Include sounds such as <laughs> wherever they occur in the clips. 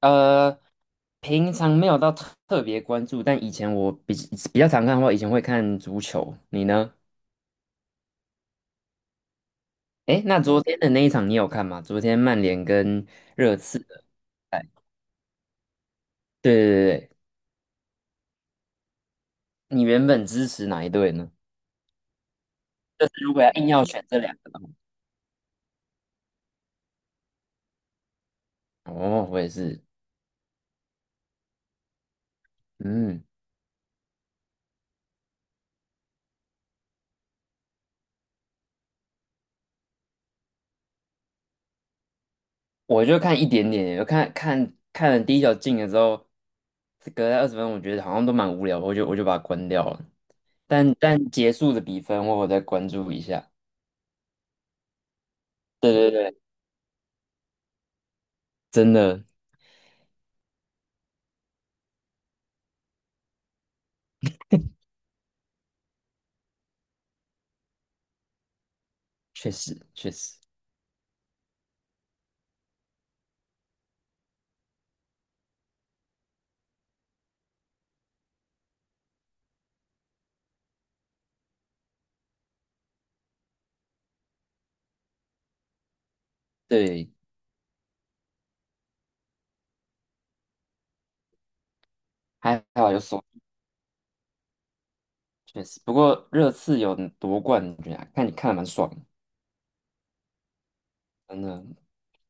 呃，平常没有到特别关注，但以前我比较常看的话，以前会看足球。你呢？诶，那昨天的那一场你有看吗？昨天曼联跟热刺的赛，对对对对，你原本支持哪一队呢？就是如果要硬要选这两个的话，哦，我也是。嗯，我就看一点点，我看了第一球进了之后，隔了20分，我觉得好像都蛮无聊的我就把它关掉了。但结束的比分，我有再关注一下。对对对。真的，确实确实，对，还好有手，确实。不过热刺有夺冠军啊，看看的蛮爽的，真的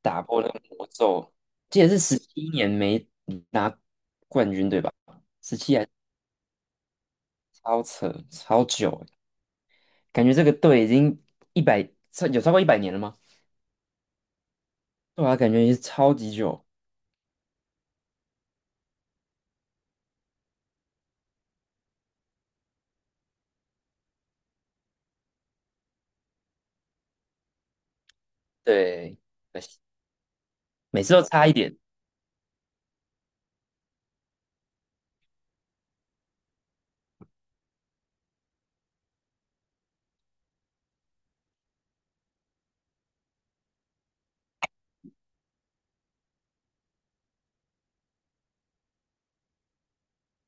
打破那个魔咒，这也是17年没拿冠军对吧？超扯，超久欸，感觉这个队已经一百，超过100年了吗？对啊，感觉也是超级久。对，可惜每次都差一点。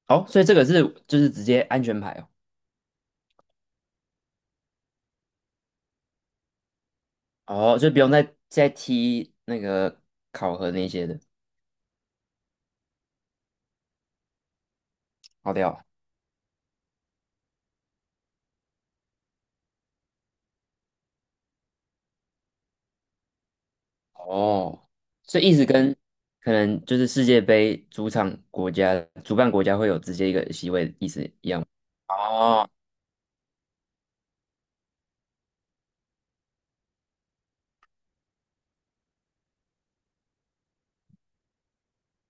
哦，所以这个是就是直接安全牌。哦，哦，就不用再踢那个考核那些的。跑掉。哦，所以一直跟可能就是世界杯主场国家、主办国家会有直接一个席位的意思一样。哦。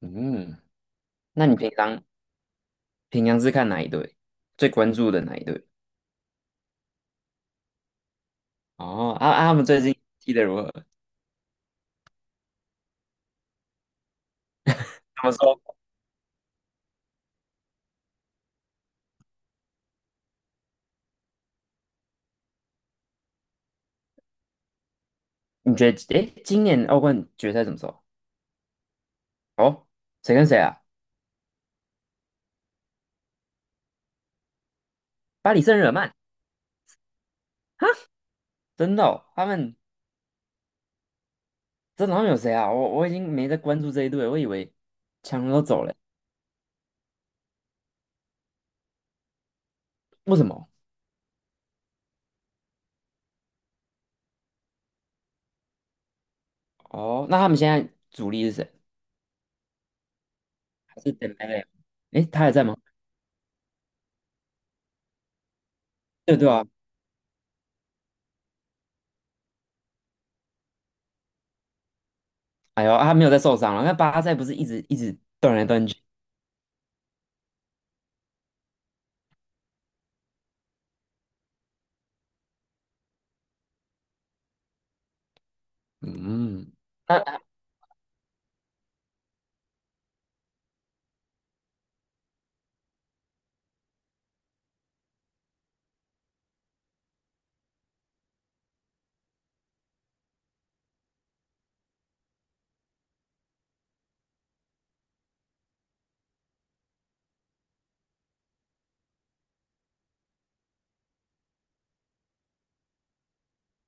嗯，那你平常是看哪一队？最关注的哪一队？哦，啊啊，他们最近踢得如何？怎么说？你觉得，诶，今年欧冠决赛怎么说？哦，谁跟谁啊？巴黎圣日耳曼，真的哦，他们有谁啊？我已经没在关注这一队了，我以为强人都走了。为什么？哦，那他们现在主力是谁？还是登贝啊，诶，他还在吗？对对啊。哎呦，啊他没有在受伤了。那巴塞不是一直一直断来断去？嗯，那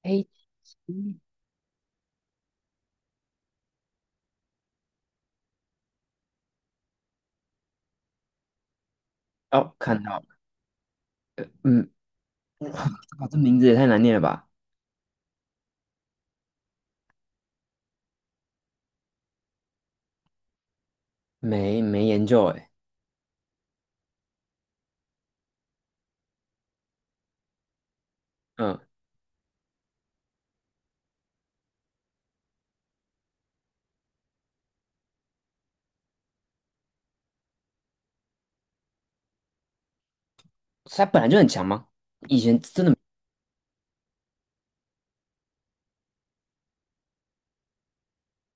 A，哦，看到了。嗯，哇，这名字也太难念了吧？没研究哎。嗯，他本来就很强吗？以前真的，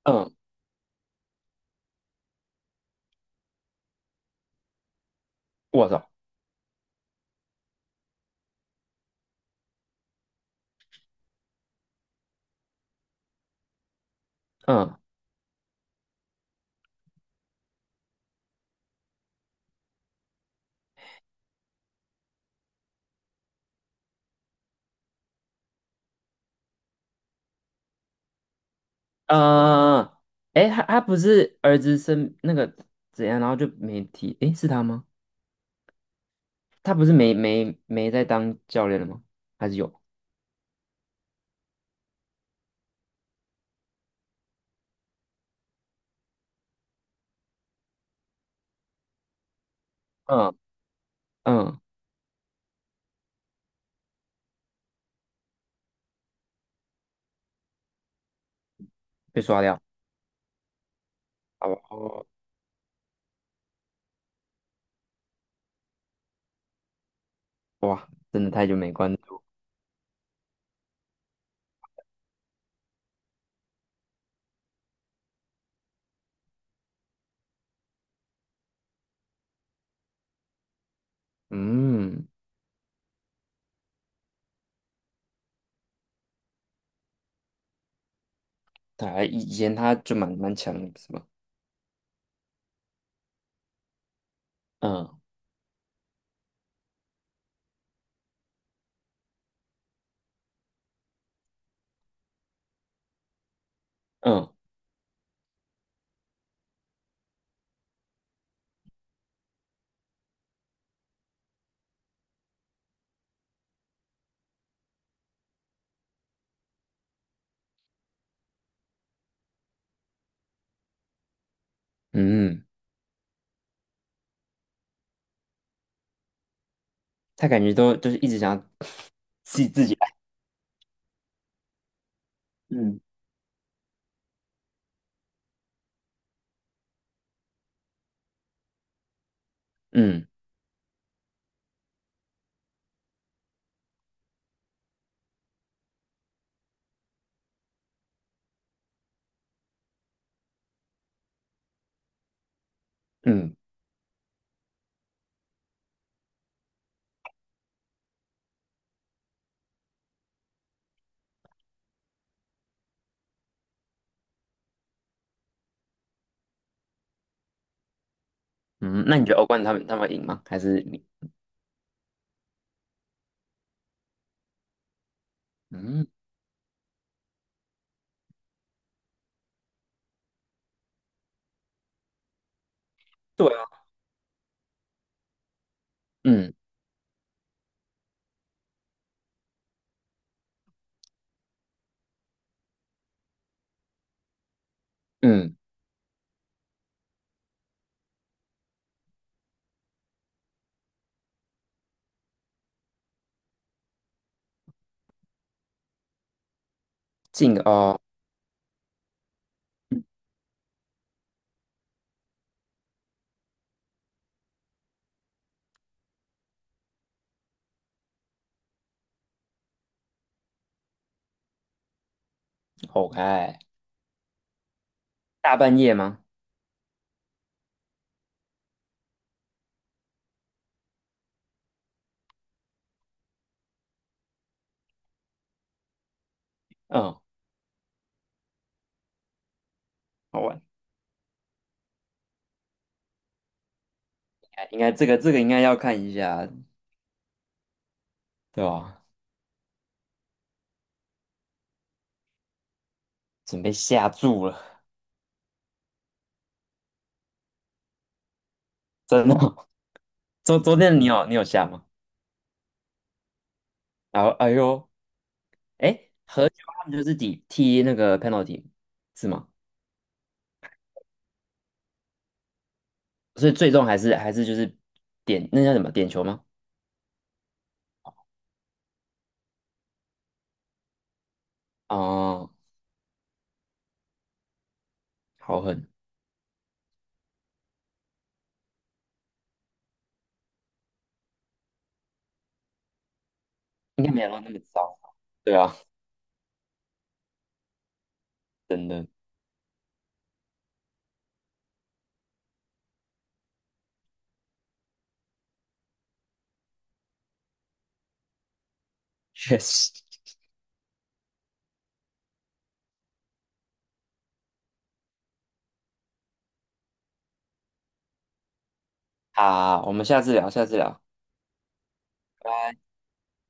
嗯，我操。嗯嗯，哎，他不是儿子生那个怎样，然后就没提。哎，是他吗？他不是没在当教练了吗？还是有？嗯嗯，被刷掉。哦，哇，真的太久没关注。嗯，他以前他就蛮强的，是吧？嗯嗯嗯，他感觉都就是一直想要 <laughs> 自己来。嗯嗯嗯嗯，那你觉得欧冠他们会赢吗？还是你？嗯，对啊。嗯嗯，进哦，OK，大半夜吗？嗯，好玩。哎应该这个应该要看一下，对吧？准备下注了。真的哦。<laughs> 昨天你有下吗？然后哎呦。哎，和球他们就是抵踢那个 penalty 是吗？所以最终还是就是点那叫什么点球吗？哦，好狠，应该没有到那么糟。对啊，真的，<laughs> 确实。好，我们下次聊，下次聊，拜拜。